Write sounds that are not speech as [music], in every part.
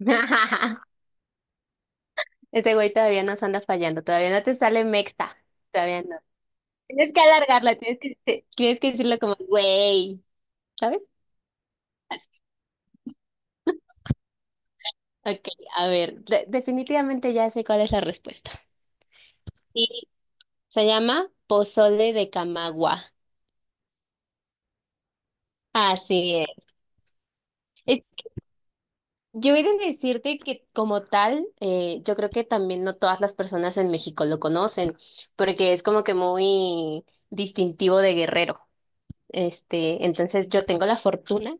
[laughs] Ese güey todavía nos anda fallando, todavía no te sale mexta, todavía no. Tienes que alargarla, tienes que decirlo como güey, ¿sabes? Ok, a ver, definitivamente ya sé cuál es la respuesta. Sí, se llama pozole de Camagua. Así es. Eh, Yo he de decirte que como tal, yo creo que también no todas las personas en México lo conocen, porque es como que muy distintivo de Guerrero. Este, entonces yo tengo la fortuna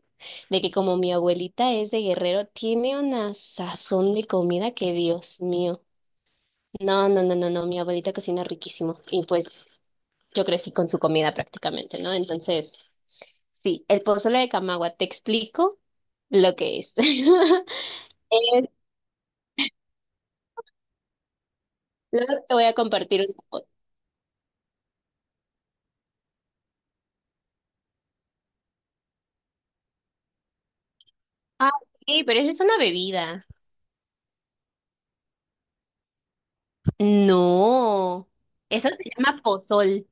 de que como mi abuelita es de Guerrero, tiene una sazón de comida que Dios mío. No, no, no, no, no, mi abuelita cocina riquísimo y pues yo crecí con su comida prácticamente, ¿no? Entonces, sí, el pozole de Camagua, te explico lo que es. [laughs] Es- Luego te voy a compartir una foto. Ah, sí, pero esa es una bebida. No, eso se llama pozol.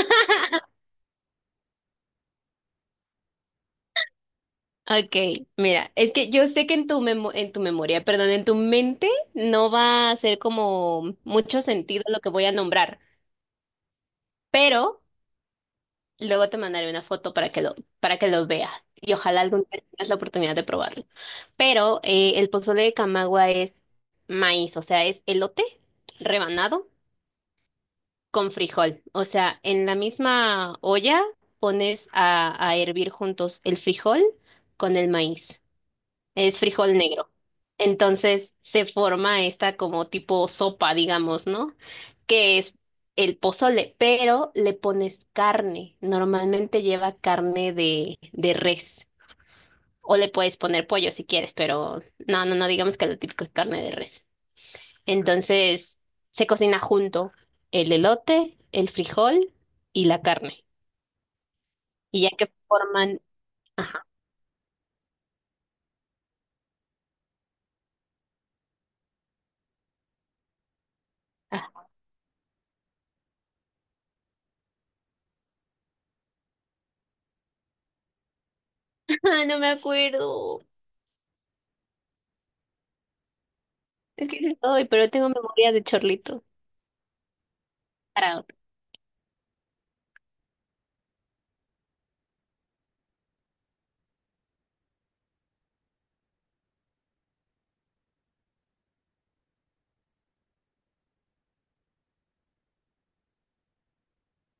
[laughs] Ok, mira, es que yo sé que en en tu memoria, perdón, en tu mente no va a hacer como mucho sentido lo que voy a nombrar, pero luego te mandaré una foto para que lo veas y ojalá algún día tengas la oportunidad de probarlo. Pero el pozole de Camagua es maíz, o sea, es elote rebanado con frijol. O sea, en la misma olla pones a hervir juntos el frijol con el maíz. Es frijol negro. Entonces se forma esta como tipo sopa, digamos, ¿no? Que es el pozole, pero le pones carne. Normalmente lleva carne de res. O le puedes poner pollo si quieres, pero no, no, no, digamos que lo típico es carne de res. Entonces se cocina junto el elote, el frijol y la carne. Y ya que forman... Ajá. [laughs] No me acuerdo. Es que hoy, pero tengo memoria de chorlito.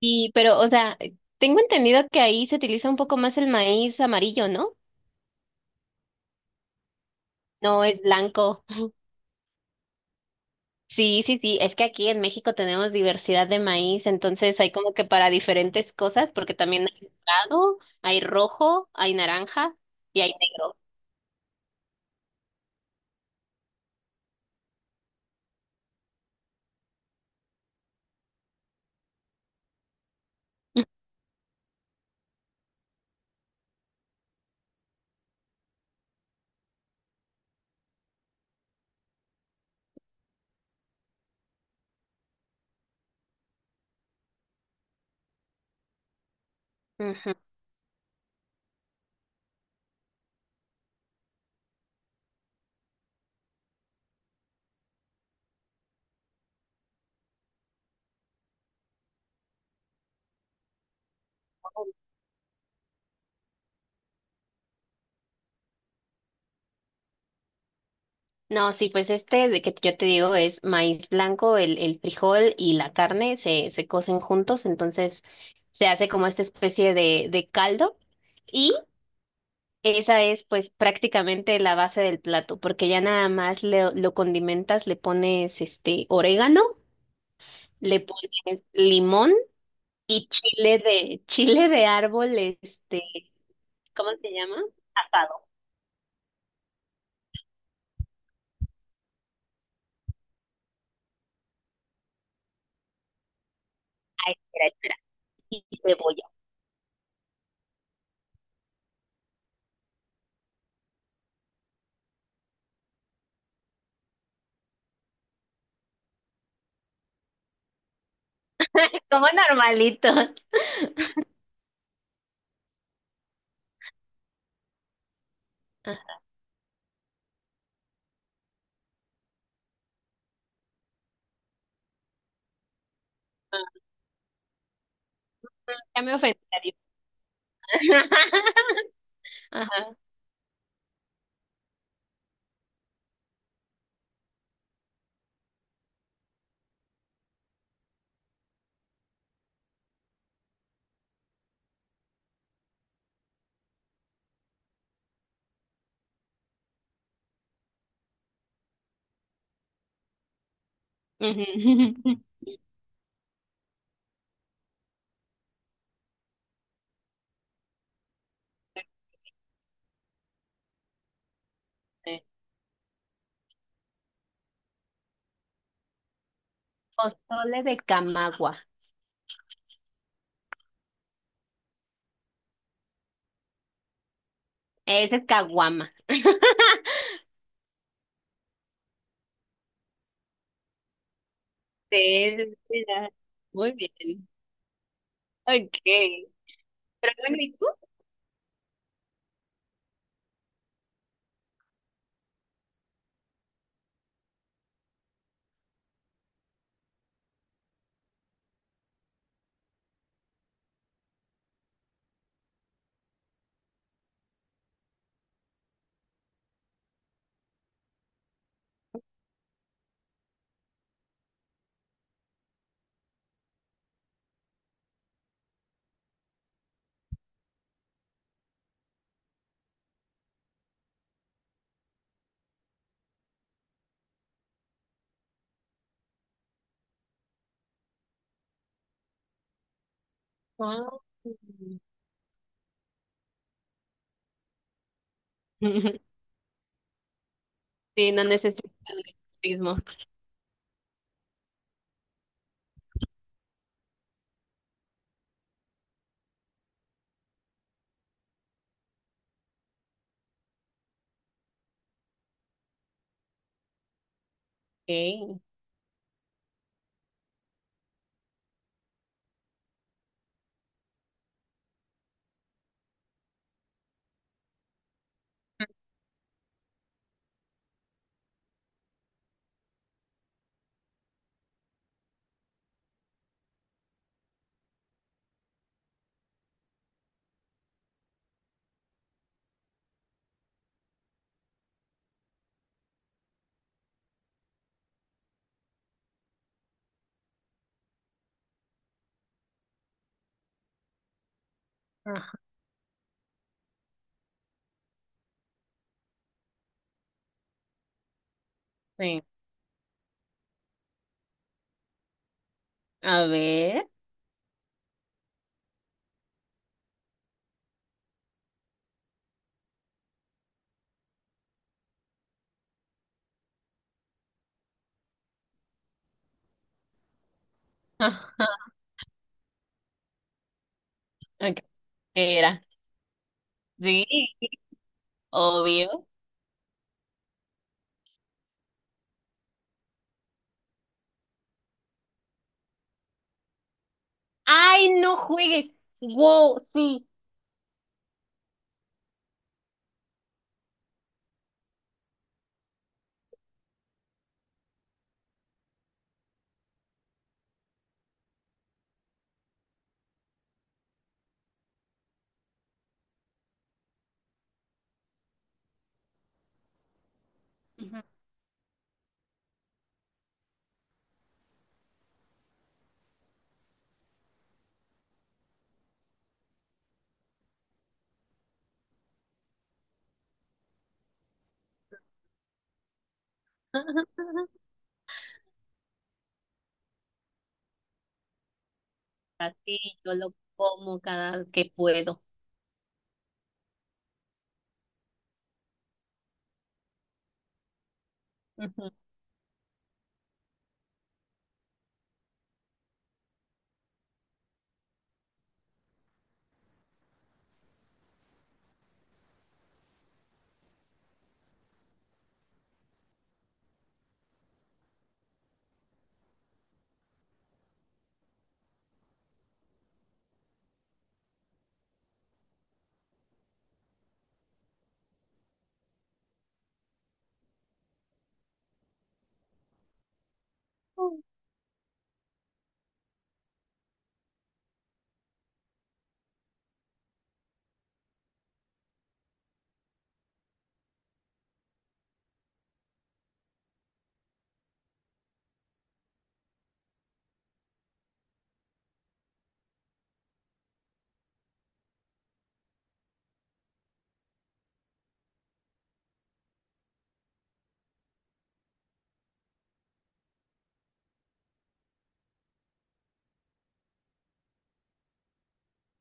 Y, pero, o sea, tengo entendido que ahí se utiliza un poco más el maíz amarillo, ¿no? No es blanco. [laughs] Sí, sí, sí, es que aquí en México tenemos diversidad de maíz, entonces hay como que para diferentes cosas, porque también hay dorado, hay rojo, hay naranja y hay negro. Ujú. No, sí, pues este de que yo te digo es maíz blanco, el frijol y la carne se cocen juntos, entonces se hace como esta especie de caldo y esa es pues prácticamente la base del plato, porque ya nada más lo condimentas, le pones este orégano, le pones limón y chile de [laughs] chile de árbol, este, ¿cómo se llama? Asado. Ay, espera, espera. Y cebolla. [laughs] Como normalito. Ajá. Ya me ofendí. [laughs] Ajá. Ujú. Sí. Pozole de camagua. Ese es caguama. [laughs] Sí, sí, sí, ya. Muy bien. Ok. Pero bueno, ¿y tú? Ah. [laughs] Sí, no necesito el sismo. Ok. Ah, sí. A ver. [laughs] Ajá. Ok, ¿qué era? Sí, obvio. ¡Ay, no juegues! ¡Wow! Sí. Ujú. [laughs] Así yo lo como cada que puedo. Ujú.